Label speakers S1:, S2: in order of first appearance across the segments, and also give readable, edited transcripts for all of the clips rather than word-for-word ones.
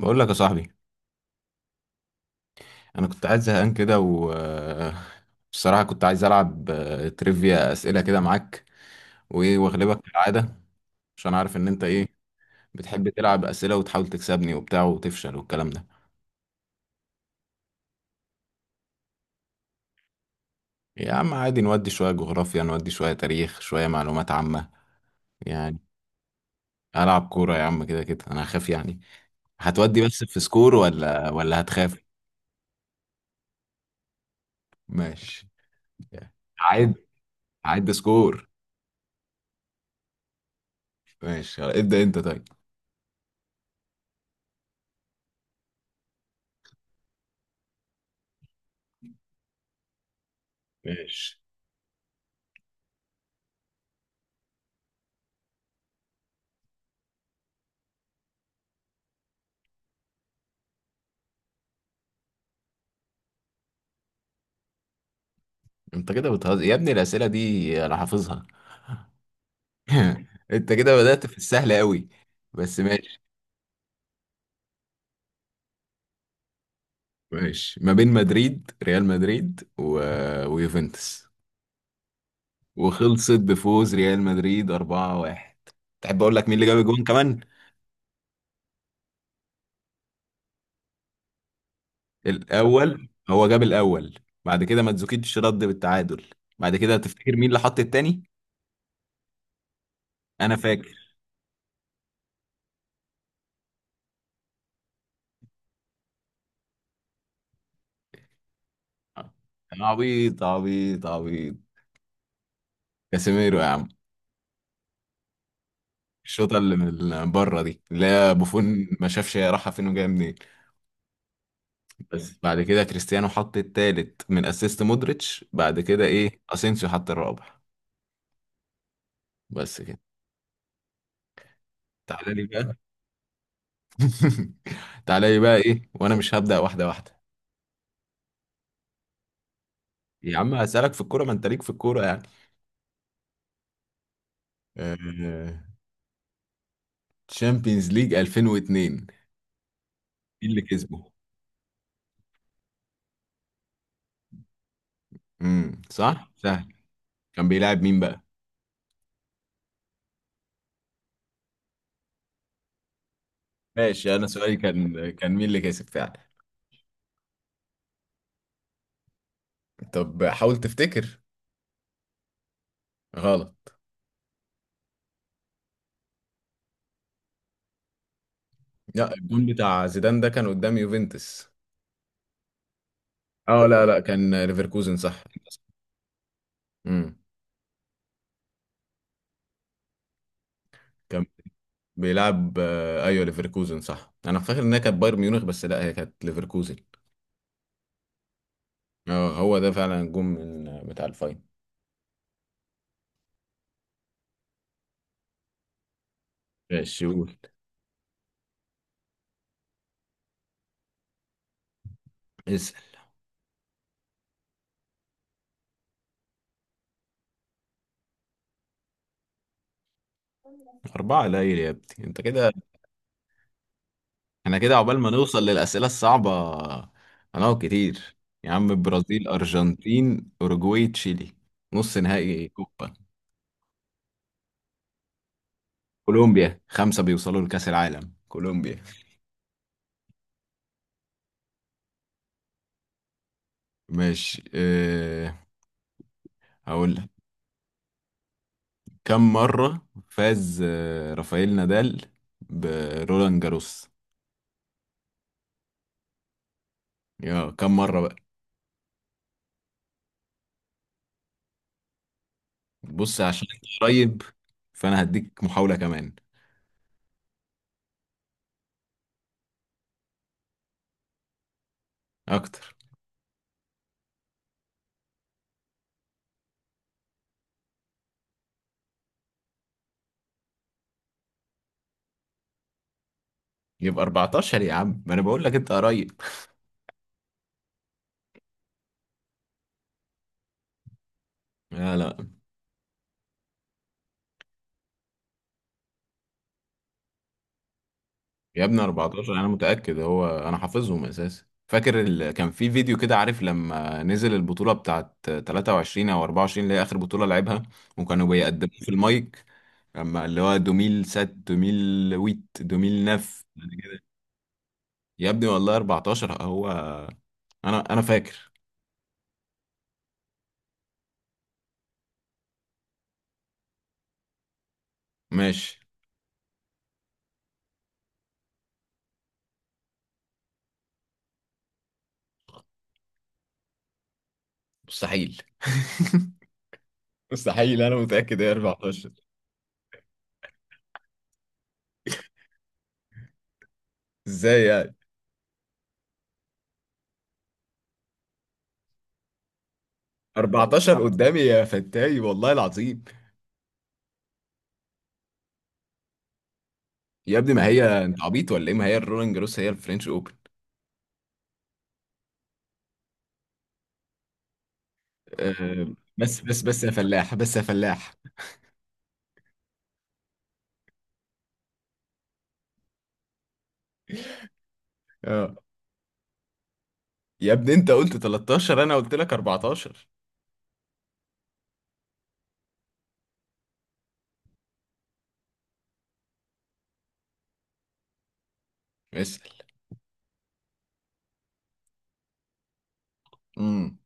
S1: بقول لك يا صاحبي، انا كنت قاعد زهقان كده و بصراحه كنت عايز العب تريفيا اسئله كده معاك وايه، واغلبك كالعاده عشان عارف ان انت ايه، بتحب تلعب اسئله وتحاول تكسبني وبتاع وتفشل والكلام ده. يا عم عادي، نودي شويه جغرافيا، نودي شويه تاريخ، شويه معلومات عامه يعني. العب كوره يا عم، كده كده انا هخاف يعني. هتودي بس في سكور ولا هتخاف؟ ماشي. عد، عد سكور. ماشي ابدا انت طيب. ماشي. انت كده بتهزر يا ابني، الاسئله دي انا حافظها. انت كده بدات في السهل قوي، بس ماشي. ما بين مدريد، ريال مدريد و... ويوفنتوس. وخلصت بفوز ريال مدريد 4-1. تحب اقول لك مين اللي جاب الجون كمان؟ الاول هو جاب الاول، بعد كده ماتزوكيتش رد بالتعادل. بعد كده تفتكر مين اللي حط التاني؟ انا فاكر. انا عبيط عبيط عبيط. كاسيميرو يا عم. الشوطه اللي من بره دي، اللي هي بوفون ما شافش هي رايحه فين وجايه منين. بس بعد كده كريستيانو حط التالت من اسيست مودريتش، بعد كده ايه اسينسيو حط الرابع. بس كده. تعالى لي بقى. تعالى لي بقى ايه وانا مش هبدأ واحده واحده؟ يا عم هسألك في الكوره، ما انت ليك في الكوره يعني. آه... تشامبيونز ليج 2002، مين اللي كسبه؟ امم، صح سهل. كان بيلعب مين بقى؟ ماشي، انا سؤالي كان مين اللي كسب فعلا. طب حاول تفتكر. غلط. لا، الجون بتاع زيدان ده كان قدام يوفنتوس. اه لا لا، كان ليفركوزن صح. امم. كان بيلعب ايوه ليفركوزن صح، انا فاكر انها كانت بايرن ميونخ، بس لا هي كانت ليفركوزن. اه هو ده فعلا الجون من بتاع الفاين. ماشي قول. اسال. اربعه قليل يا ابني، انت كده احنا كده عقبال ما نوصل للاسئله الصعبه هنقعد كتير. يا عم البرازيل، ارجنتين، اوروجواي، تشيلي، نص نهائي كوبا. كولومبيا، خمسه بيوصلوا لكاس العالم، كولومبيا. ماشي أه، هقول لك. كم مرة فاز رافائيل نادال برولان جاروس؟ يا كم مرة بقى. بص عشان انت قريب، فانا هديك محاولة كمان. اكتر. يبقى 14 يا عم، ما انا بقول لك انت قريب. لا لا، يا ابني 14 انا متأكد، هو انا حافظهم اساسا. فاكر كان في فيديو كده، عارف لما نزل البطولة بتاعت 23 او 24 اللي هي اخر بطولة لعبها، وكانوا بيقدموا في المايك اما اللي هو 2007، 2008، 2009. يا ابني والله 14 هو. انا فاكر ماشي. مستحيل. مستحيل، انا متأكد هي 14. ازاي يعني؟ 14 قدامي يا فتاي والله العظيم. يا ابني ما هي، انت عبيط ولا ايه؟ ما هي الرولينج جروس هي الفرنش اوبن. أه بس بس بس يا فلاح، بس يا فلاح. اه يا ابني انت قلت 13، انا قلت لك 14. اسال. امم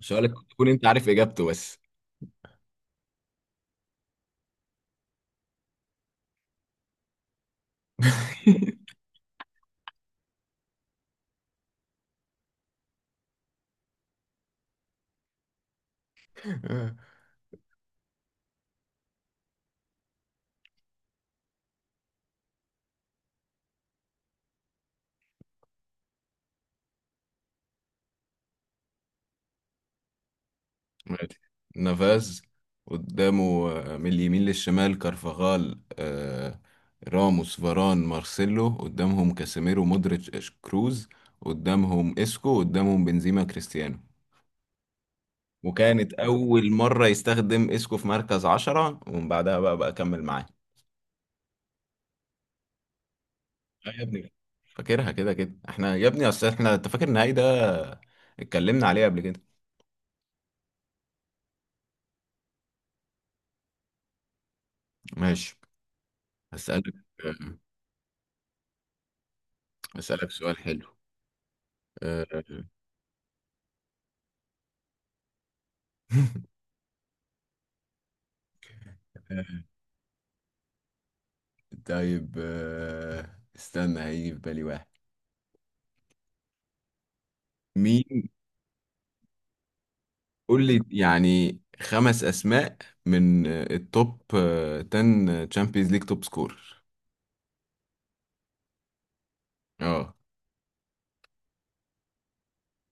S1: سؤالك تكون انت عارف اجابته بس. ماشي. نافاز، قدامه من اليمين للشمال كارفاغال، راموس، فاران، مارسيلو. قدامهم كاسيميرو، مودريتش، كروز. قدامهم اسكو. قدامهم بنزيما، كريستيانو. وكانت أول مرة يستخدم اسكو في مركز عشرة، ومن بعدها بقى كمل معاه. آه يا ابني، فاكرها كده كده احنا. يا ابني اصل احنا، انت فاكر النهائي ده، اتكلمنا عليه قبل كده. ماشي هسألك. آه، هسألك سؤال حلو. آه، طيب استنى هيجي في بالي واحد. مين؟ قول لي يعني خمس اسماء من التوب 10 تشامبيونز ليج توب سكور. اه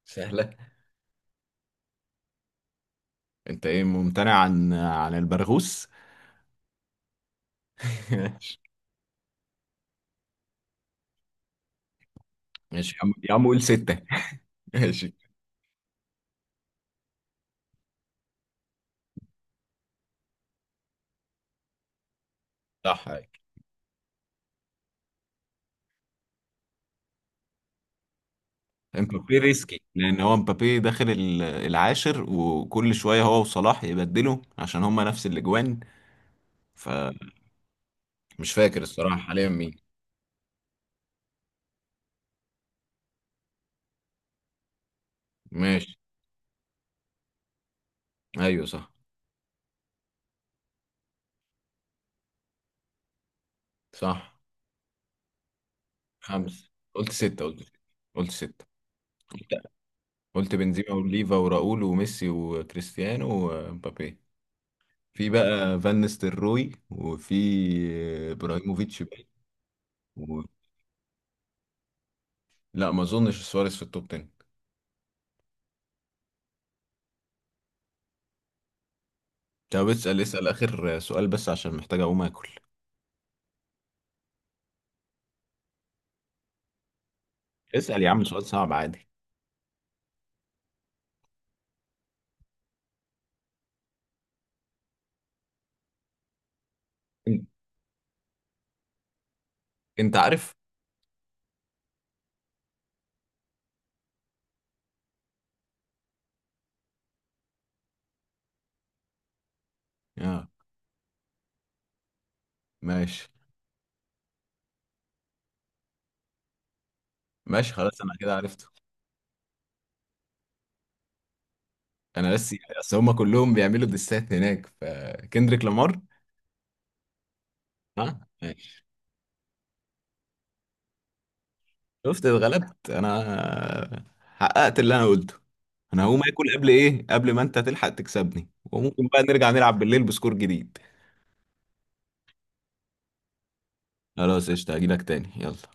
S1: سهلة. انت ايه ممتنع عن البرغوث؟ ماشي. ماشي يا عم، يا عم قول ستة. ماشي. صح، امبابي ريسكي، لان هو امبابي داخل العاشر، وكل شوية هو وصلاح يبدلوا عشان هما نفس الاجوان. فمش فاكر الصراحة حاليا مين. ماشي. ايوه صح صح. خمسة قلت، ستة قلت، ستة قلت، ستة قلت قلت بنزيما وليفا وراؤول وميسي وكريستيانو ومبابي. في بقى فان نيستلروي، وفي ابراهيموفيتش باين. و... لا ما اظنش سواريز في التوب 10. طب اسأل، اسأل اخر سؤال بس عشان محتاج اقوم اكل. اسأل يا عم سؤال صعب عادي. انت انت عارف. اه ماشي. ماشي خلاص، انا كده عرفته. انا بس، اصل هم كلهم بيعملوا دسات هناك، فكندريك لامار. ها ماشي. شفت اتغلبت انا، حققت اللي انا قلته. انا هقوم اكل قبل ايه، قبل ما انت تلحق تكسبني. وممكن بقى نرجع نلعب بالليل بسكور جديد. خلاص قشطة، هجيلك تاني يلا.